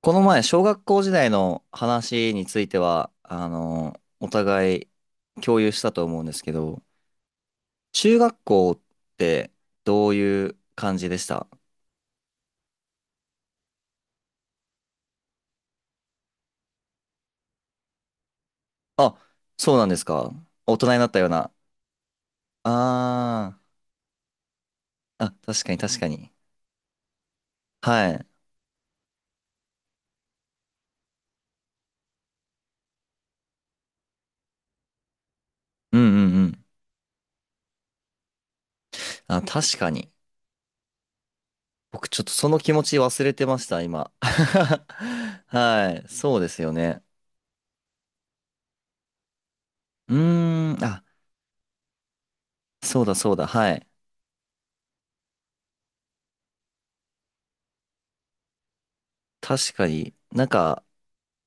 この前、小学校時代の話については、あの、お互い共有したと思うんですけど、中学校ってどういう感じでした？あ、そうなんですか。大人になったような。あー、あ、確かに確かに。はい。うんうんうん。あ、確かに。僕ちょっとその気持ち忘れてました、今。はい。そうですよね。うーん、あ、そうだそうだ。はい。確かになんか、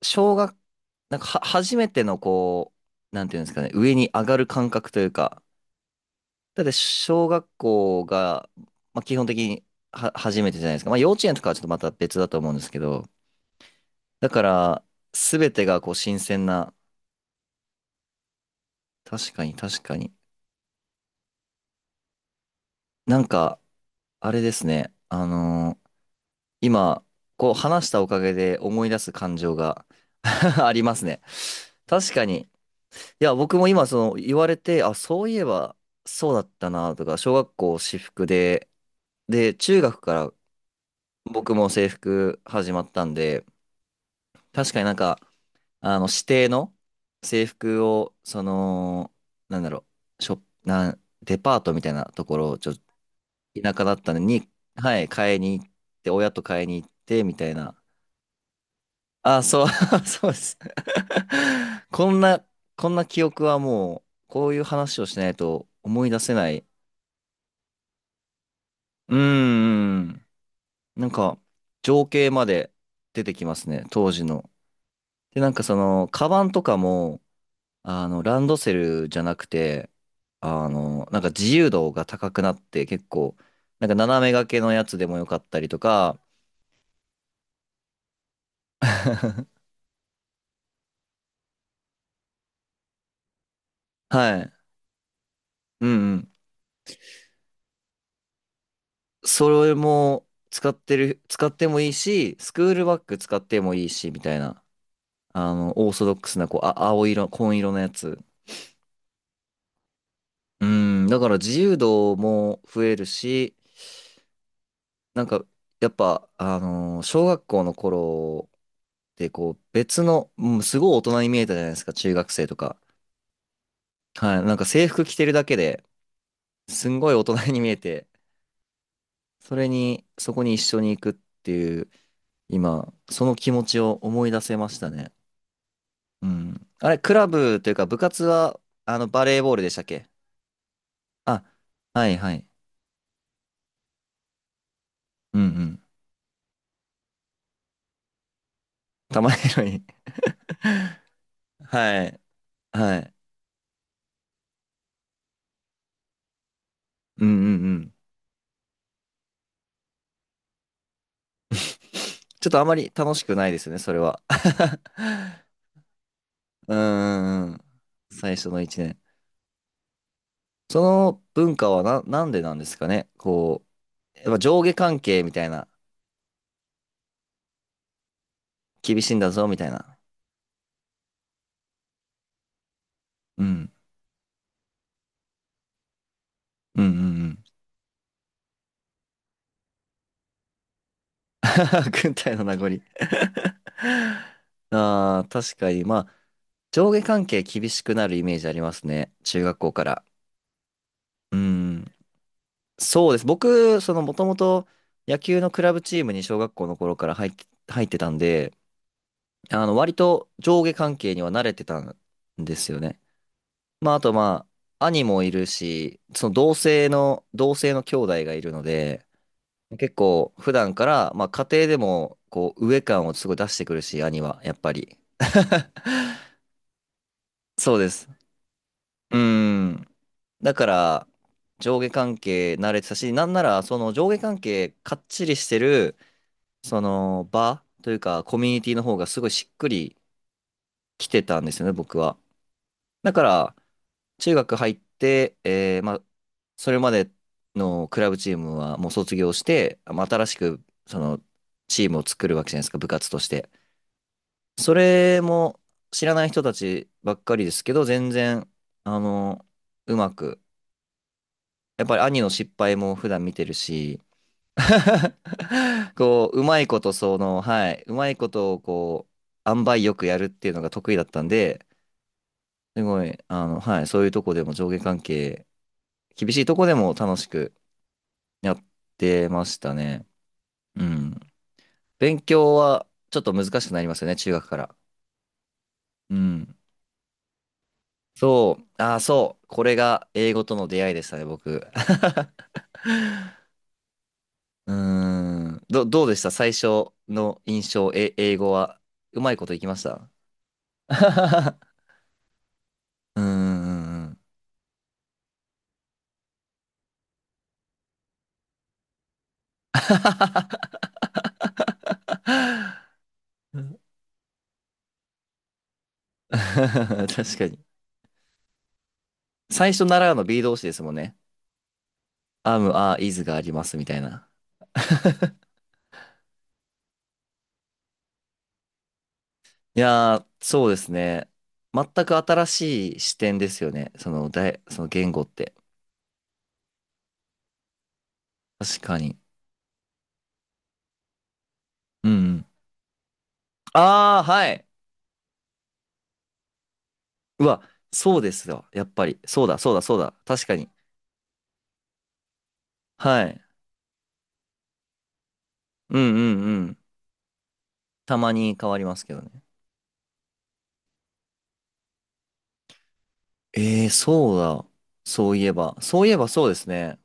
小学、なんかは、初めてのこう、なんていうんですかね、上に上がる感覚というか、だって小学校が、まあ、基本的には初めてじゃないですか。まあ幼稚園とかはちょっとまた別だと思うんですけど、だから、すべてがこう新鮮な、確かに確かに。なんか、あれですね、今、こう話したおかげで思い出す感情が ありますね。確かに、いや、僕も今、その、言われて、あ、そういえば、そうだったな、とか、小学校私服で、で、中学から僕も制服始まったんで、確かになんか、あの、指定の制服を、その、なんだろう、ショップ、なん、デパートみたいなところ、ちょっと田舎だったのに、はい、買いに行って、親と買いに行って、みたいな。あ、そう、そうです。こんな、こんな記憶はもう、こういう話をしないと思い出せない。うーん。なんか、情景まで出てきますね、当時の。で、なんかその、カバンとかも、あの、ランドセルじゃなくて、あの、なんか自由度が高くなって、結構、なんか斜め掛けのやつでもよかったりとか、はい。うん。それも使ってる、使ってもいいし、スクールバッグ使ってもいいし、みたいな。あの、オーソドックスな、こう、あ、青色、紺色のやつ。うん、だから自由度も増えるし、なんか、やっぱ、小学校の頃ってこう、別の、うん、すごい大人に見えたじゃないですか、中学生とか。はい、なんか制服着てるだけで、すんごい大人に見えて、それに、そこに一緒に行くっていう、今、その気持ちを思い出せましたね。うん。あれ、クラブというか部活は、あの、バレーボールでしたっけ？あ、はいはい。うんうん。玉拾い。はい。はい。うんうんうん。ちょっとあまり楽しくないですね、それは。うんうんうん。最初の1年。その文化はな、なんでなんですかね。こう、やっぱ上下関係みたいな、厳しいんだぞ、みたいな。うん。うんうんうん。軍隊の名残。ああ、確かに。まあ、上下関係厳しくなるイメージありますね。中学校から。うん。そうです。僕、その、もともと野球のクラブチームに小学校の頃から入ってたんで、あの、割と上下関係には慣れてたんですよね。まあ、あとまあ、兄もいるし、同性の兄弟がいるので、結構普段から、まあ、家庭でも、こう、上感をすごい出してくるし、兄は、やっぱり。そうです。うん。だから、上下関係慣れてたし、なんなら、その上下関係かっちりしてる、その場というか、コミュニティの方がすごいしっくりきてたんですよね、僕は。だから、中学入って、まあ、それまでのクラブチームはもう卒業して、まあ新しく、その、チームを作るわけじゃないですか、部活として。それも知らない人たちばっかりですけど、全然、あの、うまく、やっぱり兄の失敗も普段見てるし、こう、うまいことその、はい、うまいことをこう、塩梅よくやるっていうのが得意だったんで、すごい、あの、はい、そういうとこでも上下関係、厳しいとこでも楽しくやってましたね。うん。勉強はちょっと難しくなりますよね、中学から。うん。そう、ああ、そう、これが英語との出会いでしたね、僕。うーん。どうでした最初の印象、え、英語は。うまいこといきました？ うーん。確かに。最初習うの B 動詞ですもんね。アム、アー、イズがありますみたいな。いやー、そうですね。全く新しい視点ですよね。その言語って。確かに。うんうん。あー、はい。うわ、そうですよ。やっぱり。そうだ、そうだ、そうだ。確かに。はい。うんうんうん。たまに変わりますけどね。えー、そうだ。そういえば。そういえばそうですね。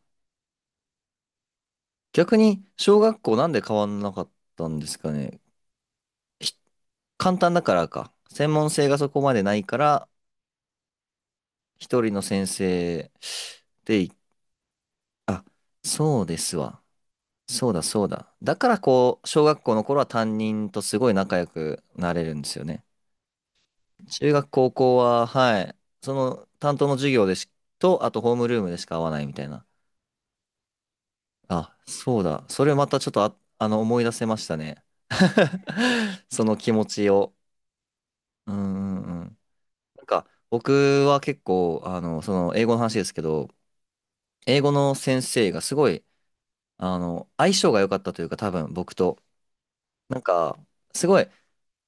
逆に、小学校なんで変わんなかったんですかね。ひ簡単だからか。専門性がそこまでないから、一人の先生でい、そうですわ。そうだそうだ。だからこう、小学校の頃は担任とすごい仲良くなれるんですよね。中学高校は、はい、その担当の授業でし、と、あとホームルームでしか会わないみたいな。あ、そうだ。それまたちょっと思い出せましたね。その気持ちを。うんうんうん。なんか、僕は結構、あの、その、英語の話ですけど、英語の先生がすごい、あの、相性が良かったというか、多分僕と。なんか、すごい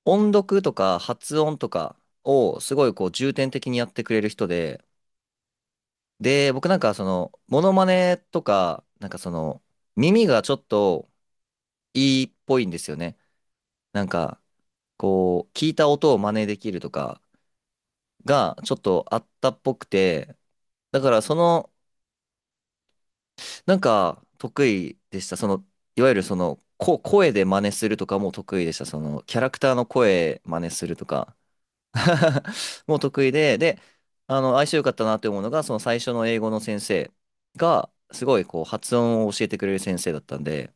音読とか発音とかをすごいこう重点的にやってくれる人で、で、僕なんかその、モノマネとか、なんかその、耳がちょっといいっぽいんですよね。なんか、こう、聞いた音を真似できるとかがちょっとあったっぽくて、だからそのなんか得意でした。その、いわゆるその、声で真似するとかも得意でした。その、キャラクターの声真似するとか も得意で、で、あの、相性良かったなって思うのが、その最初の英語の先生が、すごいこう、発音を教えてくれる先生だったんで、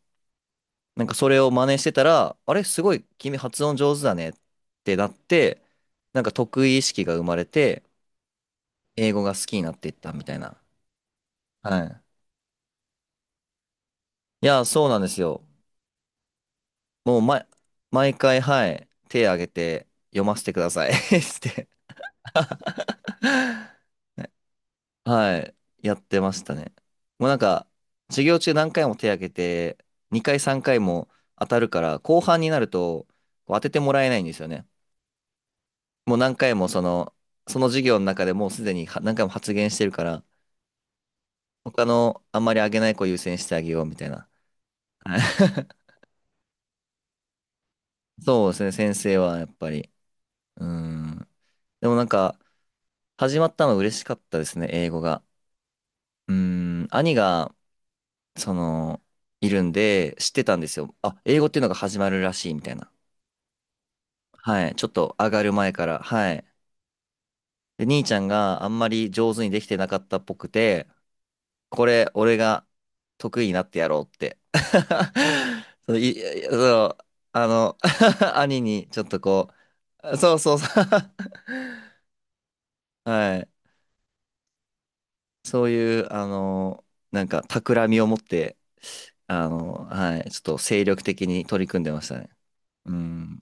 なんかそれを真似してたら、あれ、すごい君発音上手だねってなって、なんか得意意識が生まれて、英語が好きになっていったみたいな。はい。いや、そうなんですよ。もう、毎回、はい、手挙げて読ませてください して、はい、やってましたね。もうなんか、授業中何回も手挙げて、2回3回も当たるから、後半になるとこう当ててもらえないんですよね。もう何回もその、その授業の中でもうすでには何回も発言してるから、他のあんまり挙げない子優先してあげようみたいな。はい そうですね、先生はやっぱり。うーん。でもなんか、始まったの嬉しかったですね、英語が。うーん、兄が、その、いるんで、知ってたんですよ。あ、英語っていうのが始まるらしい、みたいな。はい。ちょっと上がる前から。はい。で、兄ちゃんがあんまり上手にできてなかったっぽくて、これ、俺が得意になってやろうって。そう、いそう、あの、兄にちょっとこう、そうそうそう はい。そういう、あの、なんか、企みを持って、あの、はい。ちょっと精力的に取り組んでましたね。うん。